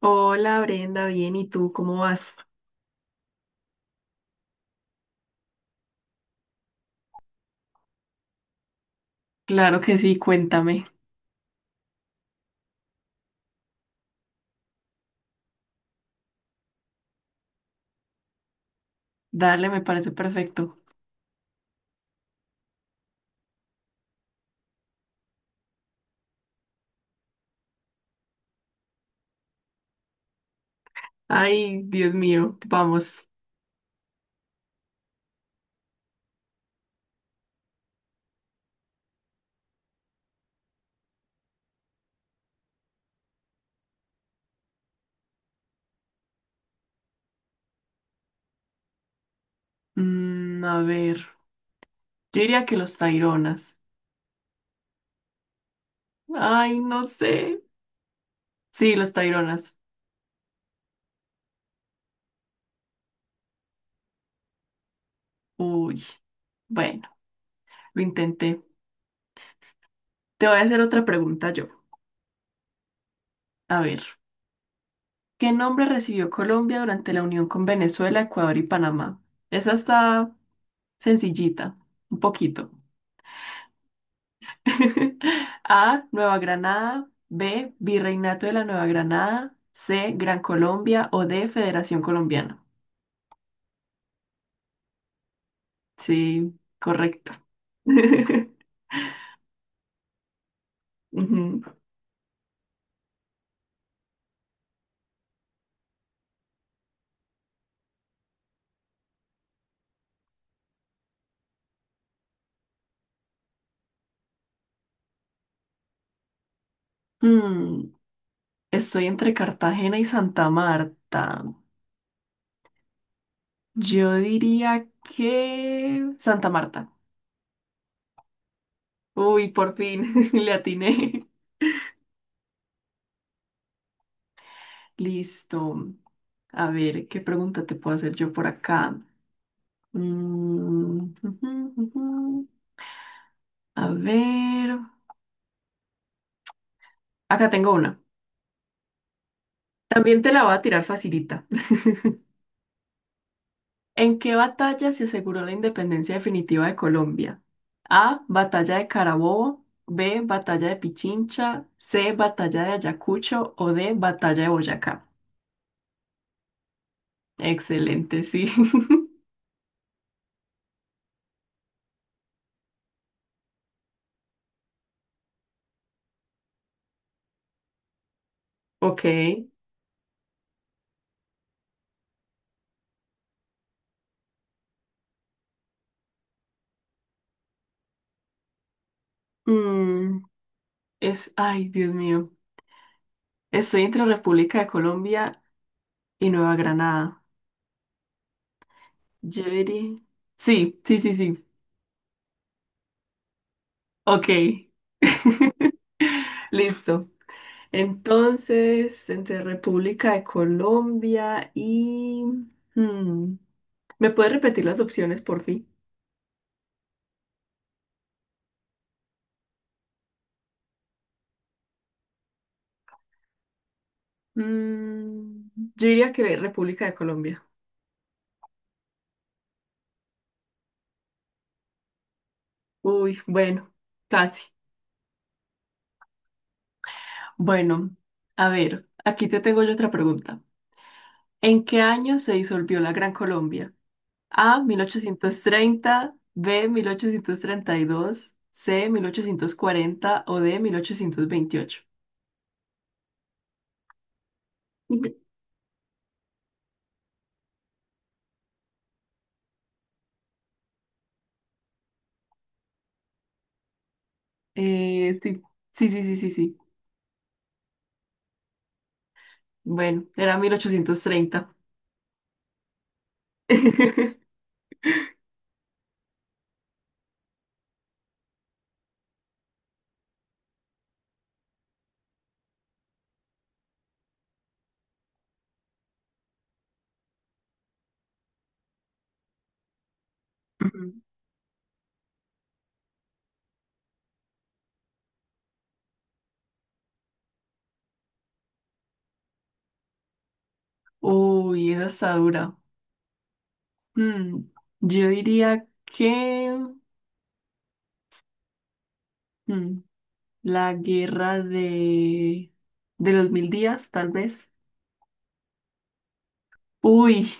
Hola Brenda, bien, ¿y tú cómo vas? Claro que sí, cuéntame. Dale, me parece perfecto. Ay, Dios mío, vamos. A ver, yo diría que los Taironas. Ay, no sé. Sí, los Taironas. Uy, bueno, lo intenté. Te voy a hacer otra pregunta yo. A ver, ¿qué nombre recibió Colombia durante la unión con Venezuela, Ecuador y Panamá? Esa está sencillita, un poquito. A. Nueva Granada. B. Virreinato de la Nueva Granada. C. Gran Colombia. O D. Federación Colombiana. Sí, correcto. Ujú. Hmm, Estoy entre Cartagena y Santa Marta. Yo diría que Santa Marta. Uy, por fin, le atiné. Listo. A ver, ¿qué pregunta te puedo hacer yo por acá? Mm, ujú, ujú. A ver. Acá tengo una. También te la voy a tirar facilita. ¿En qué batalla se aseguró la independencia definitiva de Colombia? A. Batalla de Carabobo. B. Batalla de Pichincha. C. Batalla de Ayacucho. O D. Batalla de Boyacá. Excelente, sí. Ok. Mm, es, ay, Dios mío. Estoy entre República de Colombia y Nueva Granada. Yo diría- Sí, sí, sí, sí. Ok. Listo. Entonces, entre República de Colombia y... hmm, ¿Me puedes repetir las opciones, por fin? Mm, yo diría que República de Colombia. Uy, bueno, casi. Bueno, a ver, aquí te tengo yo otra pregunta. ¿En qué año se disolvió la Gran Colombia? A, 1830, B, 1832, C, 1840 o D, 1828. Sí, sí, sí, sí, sí. Sí. Bueno, era 1830. Ujú. Uy, esa está dura. Mm, yo diría que mm, la guerra de los mil días, tal vez. Uy,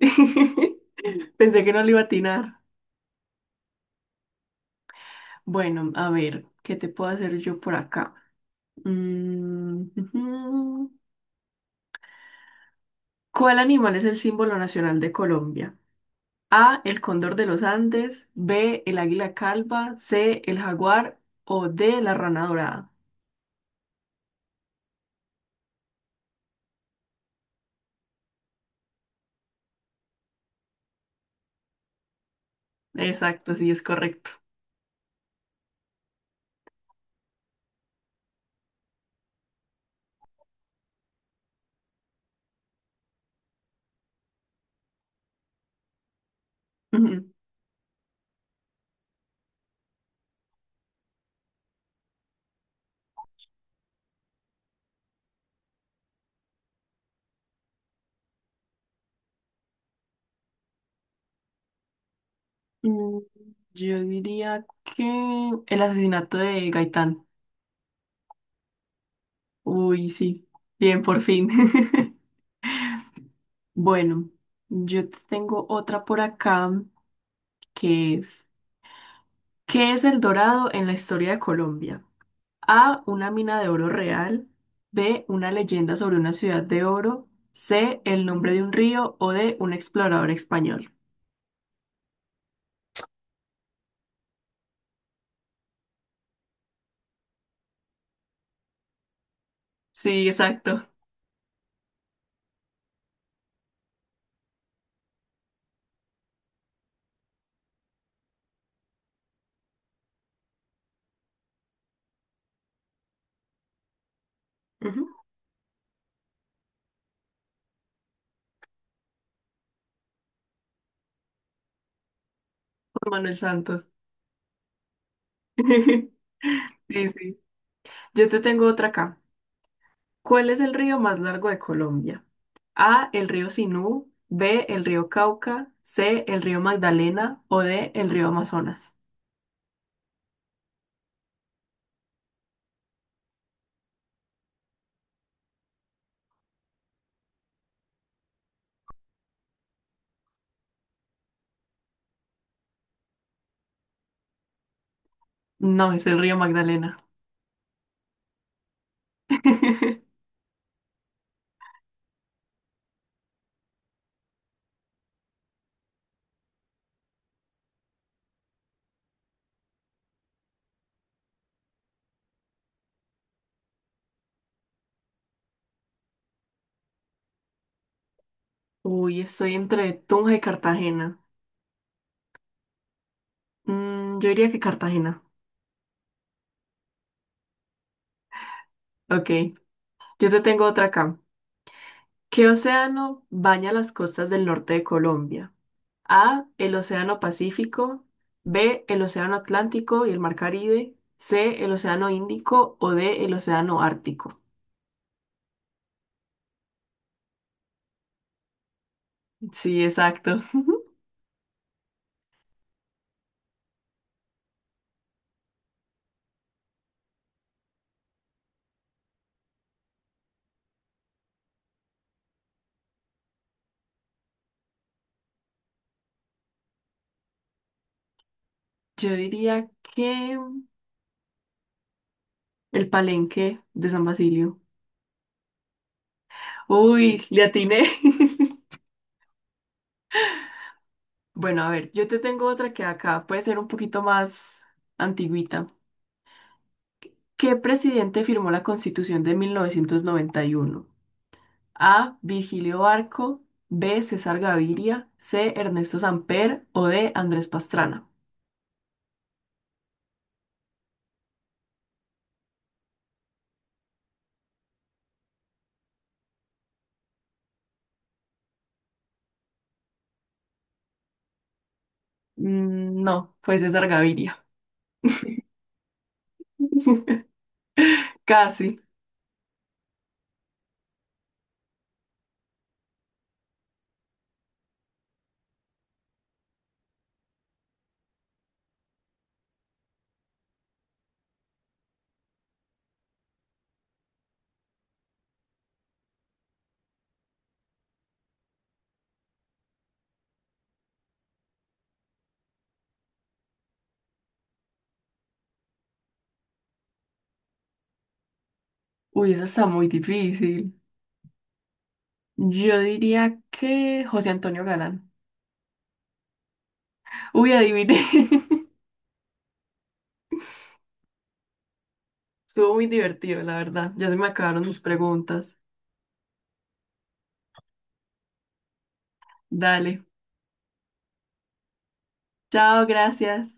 pensé que no le iba a atinar. Bueno, a ver, ¿qué te puedo hacer yo por acá? Mm, ujú. ¿Cuál animal es el símbolo nacional de Colombia? A, el cóndor de los Andes, B, el águila calva, C, el jaguar o D, la rana dorada. Exacto, sí, es correcto. Ujú. Yo diría que el asesinato de Gaitán. Uy, sí, bien, por fin. Bueno, yo te tengo otra por acá que es, ¿qué es el dorado en la historia de Colombia? A. Una mina de oro real. B. Una leyenda sobre una ciudad de oro. C. El nombre de un río o D. Un explorador español. Sí, exacto. Ujú, Juan Manuel Santos. Sí, sí. Yo te tengo otra acá. ¿Cuál es el río más largo de Colombia? A. El río Sinú. B. El río Cauca. C. El río Magdalena o D. El río Amazonas. No, es el río Magdalena. Uy, estoy entre Tunja y Cartagena. Yo diría que Cartagena. Ok. Yo te tengo otra acá. ¿Qué océano baña las costas del norte de Colombia? A, el Océano Pacífico. B, el Océano Atlántico y el Mar Caribe. C, el Océano Índico o D, el Océano Ártico. Sí, exacto. Yo diría que el Palenque de San Basilio. Uy, le atiné. Bueno, a ver, yo te tengo otra que acá puede ser un poquito más antigüita. ¿Qué presidente firmó la Constitución de 1991? A. Virgilio Barco, B. César Gaviria, C. Ernesto Samper o D. Andrés Pastrana. No, fue César Gaviria. Casi. Uy, eso está muy difícil. Yo diría que José Antonio Galán. Uy, adiviné. Estuvo muy divertido, la verdad. Ya se me acabaron mis preguntas. Dale. Chao, gracias.